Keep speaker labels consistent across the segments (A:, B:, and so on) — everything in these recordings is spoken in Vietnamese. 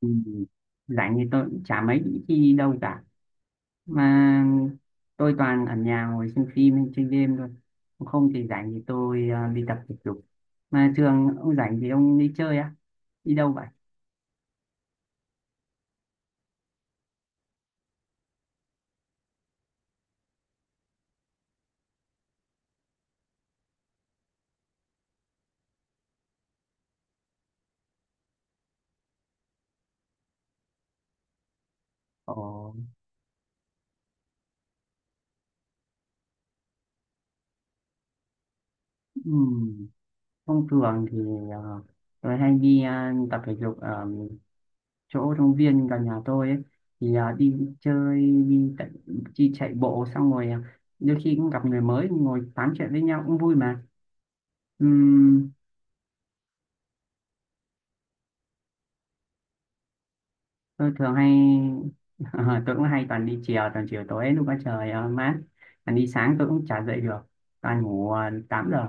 A: Ừ, rảnh thì tôi cũng chả mấy khi đi đâu cả, mà tôi toàn ở nhà ngồi xem phim hay chơi game thôi. Còn không thì rảnh thì tôi đi tập thể dục. Mà thường ông rảnh thì ông đi chơi á, đi đâu vậy? Ồ. ừm, Thông thường thì ờ, tôi hay đi tập thể dục ở chỗ công viên gần nhà tôi ấy. Thì đi chơi đi, đi chạy bộ xong rồi đôi khi cũng gặp người mới ngồi tám chuyện với nhau cũng vui mà. Tôi thường hay tôi cũng hay toàn đi chiều, toàn chiều tối lúc có trời mát. Còn đi sáng tôi cũng chả dậy được, toàn ngủ 8 giờ.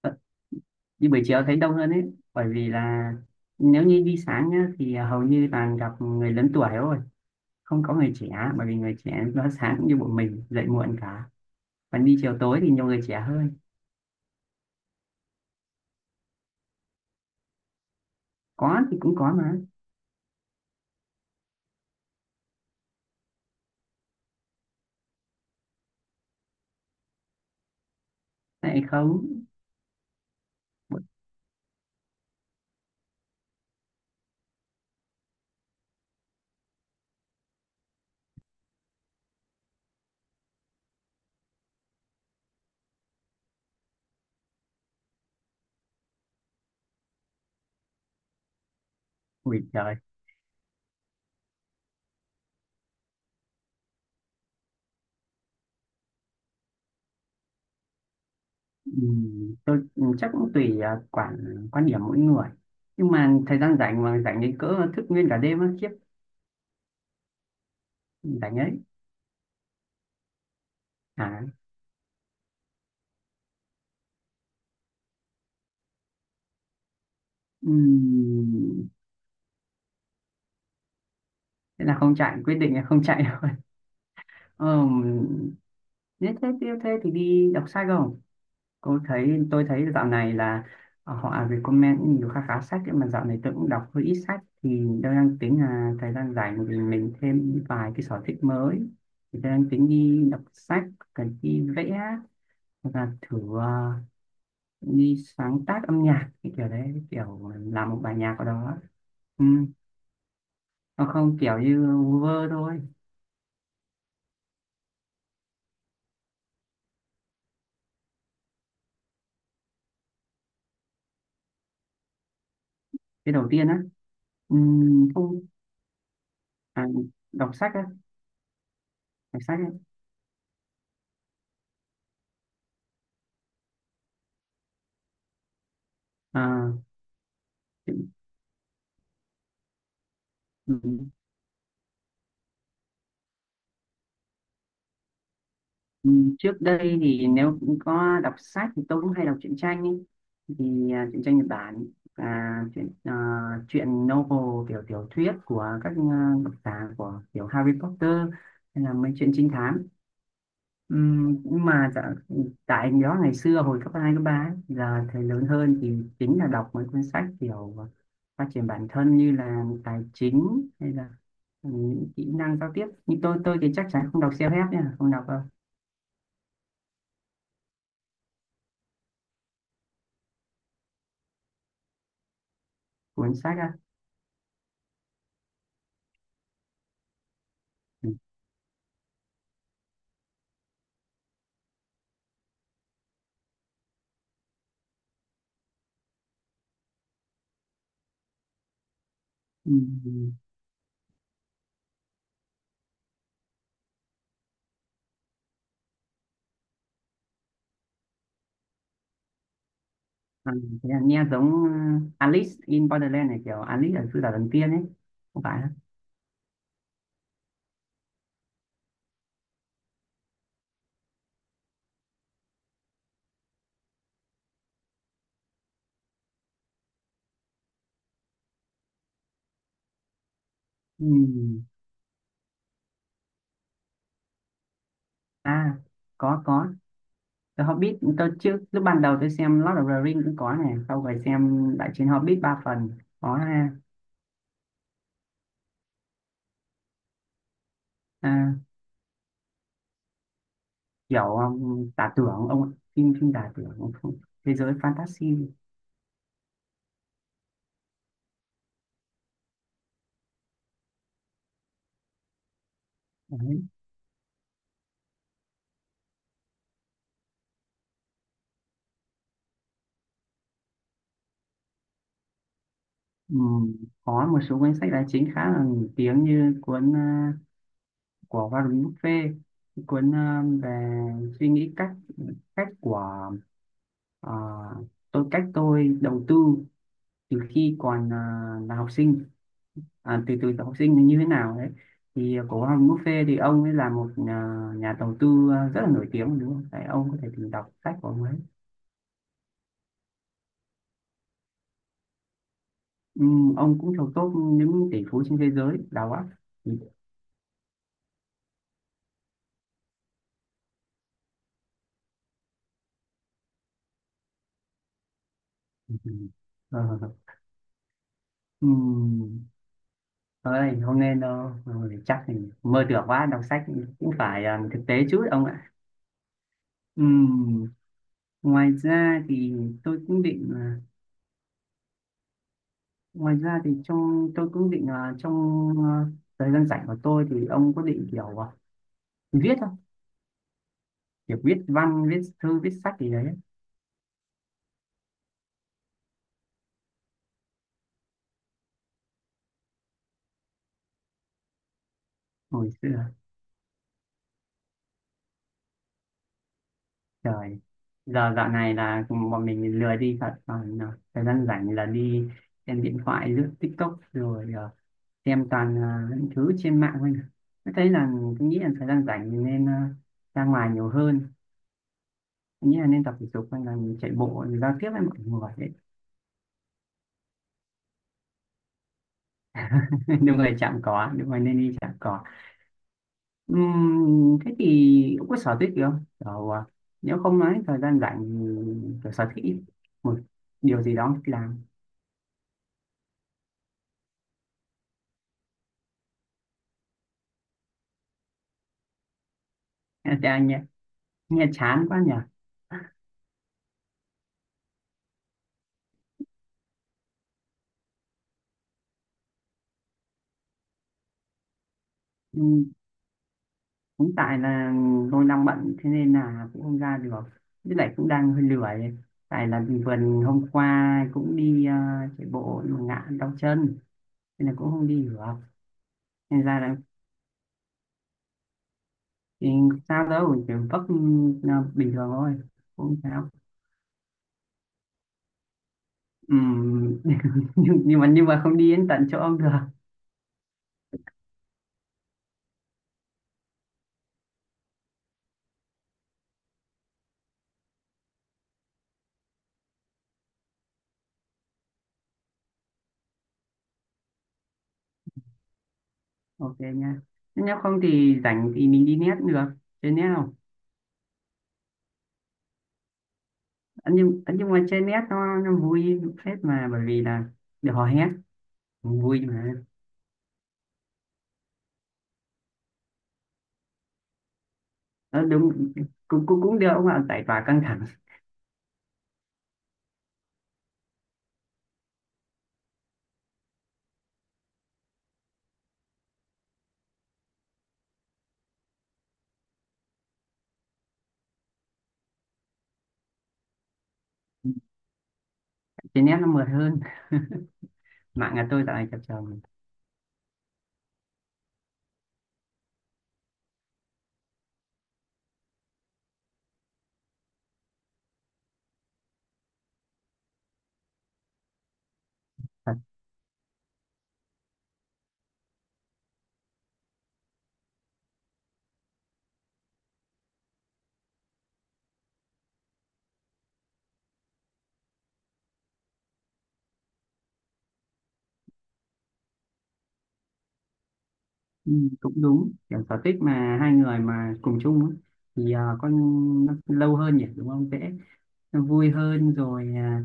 A: Ờ, đi buổi chiều thấy đông hơn ấy, bởi vì là nếu như đi sáng nhá, thì hầu như toàn gặp người lớn tuổi thôi, không có người trẻ, bởi vì người trẻ nó sáng cũng như bọn mình dậy muộn cả. Còn đi chiều tối thì nhiều người trẻ hơn. Có thì cũng có mà. Tại không. Ui trời. Ừ, tôi chắc cũng tùy, quan điểm mỗi người. Nhưng mà thời gian rảnh mà rảnh đến cỡ thức nguyên cả đêm á, khiếp. Rảnh ấy. à ừm, Thế là không chạy, quyết định là không chạy rồi. ờ, Nếu thế tiếp thế thì đi đọc sách không? Tôi thấy dạo này là, họ recommend nhiều khá khá sách. Nhưng mà dạo này tôi cũng đọc hơi ít sách, thì tôi đang tính là thời gian rảnh thì mình thêm vài cái sở thích mới. Thì tôi đang tính đi đọc sách, cần đi vẽ. Hoặc là thử đi sáng tác âm nhạc cái kiểu đấy, cái kiểu làm một bài nhạc ở đó. Ừ. Hoặc không kiểu như vơ thôi. Cái đầu tiên á. Ừ, không. à, Đọc sách á. Đọc sách á. À. Ừ. Ừ. Trước đây thì nếu có đọc sách thì tôi cũng hay đọc truyện tranh ấy. Thì truyện tranh Nhật Bản, truyện, truyện novel, kiểu tiểu thuyết của các, độc giả của kiểu Harry Potter, hay là mấy chuyện trinh thám. Ừ. Nhưng mà dạ, tại đó ngày xưa hồi cấp 2 cấp 3 ấy, giờ thầy lớn hơn thì chính là đọc mấy cuốn sách kiểu phát triển bản thân như là tài chính, hay là những kỹ năng giao tiếp. Nhưng tôi thì chắc chắn không đọc self-help nha, không đọc đâu. Cuốn sách á. Ừ. Ừm, à, Thế là nghe giống Alice in Borderland này, kiểu Alice ở xứ sở thần tiên ấy. Không phải á? Ừm. À, có có. The Hobbit tôi trước lúc ban đầu tôi xem Lord of the Ring cũng có này, sau rồi xem Đại chiến Hobbit ba phần, có ha. à, Kiểu giả tưởng ông ạ. Phim phim giả tưởng, ông không- thế giới fantasy đấy. Ừm, có một số cuốn sách tài chính khá là nổi tiếng, như cuốn của Warren Buffett, cuốn về suy nghĩ, cách cách của, à, tôi cách tôi đầu tư từ khi còn là học sinh, từ từ học sinh như thế nào đấy. Thì cổ Hoàng Buffet thì ông ấy là một nhà đầu tư rất là nổi tiếng đúng không? Đấy, ông có thể tìm đọc sách của ông ấy. Ừ, ông cũng thuộc top những tỷ phú trên thế giới đào á. Ừ. Ừ. Ờ. Ừ. Ơi, không nên đâu. Ừ, chắc thì mơ tưởng quá, đọc sách cũng phải thực tế chút ông ạ. Ừ. Ngoài ra thì tôi cũng định à, Ngoài ra thì trong tôi cũng định trong à, thời gian rảnh của tôi thì ông có định kiểu viết, kiểu viết văn viết thư viết sách gì đấy? Hồi xưa. Trời, giờ dạo này là bọn mình lười đi thật, còn thời gian rảnh là đi xem điện thoại lướt TikTok, rồi xem toàn những thứ trên mạng thôi. Tôi thấy là tôi nghĩ là thời gian rảnh mình nên ra ngoài nhiều hơn. Tôi nghĩ là nên tập thể dục, hay là mình chạy bộ giao tiếp với mọi người đấy. Nếu người chạm cỏ, nếu người nên đi chạm cỏ. Thế thì cũng có sở thích gì không? Kiểu, nếu không nói thời gian rảnh thì kiểu sở thích, một điều gì đó thích làm. Nghe, chả- nghe, nghe chán quá nhỉ. Ừm, cũng tại là tôi đang bận thế nên là cũng không ra được. Với lại cũng đang hơi lười. Tại là vừa hôm qua cũng đi chạy bộ nhưng mà ngã đau chân, nên là cũng không đi được. Nên ra là thì sao đâu, kiểu vấp bình thường thôi. Cũng sao. Ừm, nhưng mà không đi đến tận chỗ ông được. Ok nha. Nếu không thì rảnh thì mình đi net được. Chơi net không? Ấn nhưng mà chơi net nó vui phết, mà bởi vì là được hò hét vui mà. Nó đúng. Cũng cũng cũng được ông ạ, giải tỏa căng thẳng. Chơi net nó mượt hơn. Mạng nhà tôi dạo này chập chờn. Thật. Ừ, cũng đúng. Kiểu sở thích mà hai người mà cùng chung á, thì con nó lâu hơn nhỉ đúng không, dễ nó vui hơn rồi.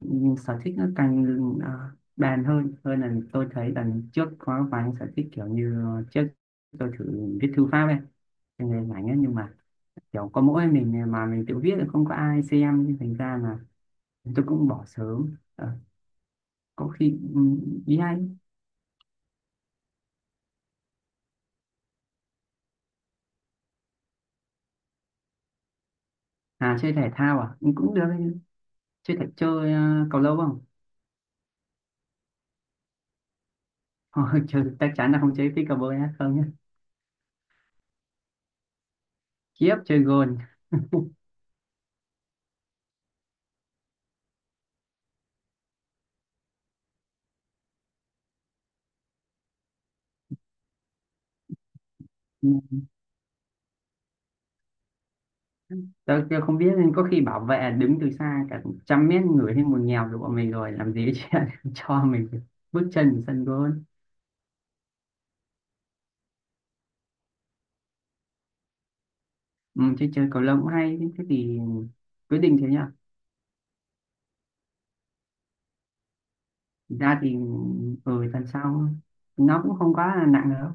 A: Nhưng sở thích nó càng bàn hơn hơn là tôi thấy lần trước có vài anh sở thích kiểu như trước tôi thử viết thư pháp ấy, cho nên ảnh ấy nhưng mà kiểu có mỗi mình mà mình tự viết thì không có ai xem, nên thành ra là tôi cũng bỏ sớm. Ờ. Có khi. Ừ. Ý anh. À, chơi thể thao à? Ừ, cũng được. Chơi cầu lông không? Thôi, chơi chắc chắn là không chơi pickleball nhá, không nhá. Khiếp, chơi gôn. Ừ. Tớ chưa không biết, nên có khi bảo vệ đứng từ xa cả trăm mét người thấy một nghèo được bọn mình rồi làm gì chứ cho mình bước chân vào sân gôn. Ừ, chơi chơi cầu lông cũng hay thế thì. Quyết định thế nhá. Thực ra thì tuần sau nó cũng không quá là nặng đâu.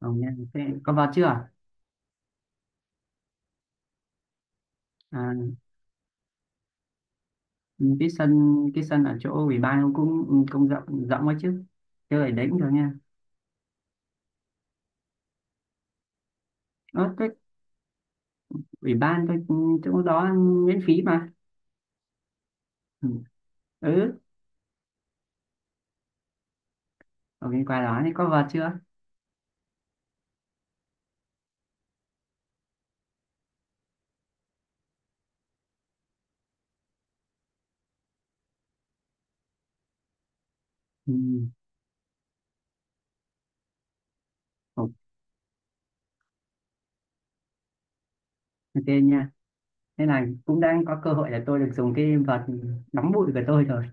A: Còn nha, thế có vào chưa? à, cái sân ở chỗ ủy ban nó cũng cũng rộng rộng quá chứ, chơi ở đấy cũng được nha. Ờ, cái ủy ban, cái chỗ đó miễn phí mà. Ừ. Ừ, ở bên qua đó thì có vào chưa? Ừ. Ok nha. Nên là cũng đang có cơ hội để tôi được dùng cái vợt nóng bụi của tôi rồi.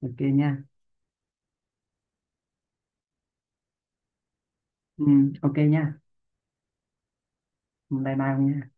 A: Ok nha. Ừ, ok nha. Bye bye ông nhé.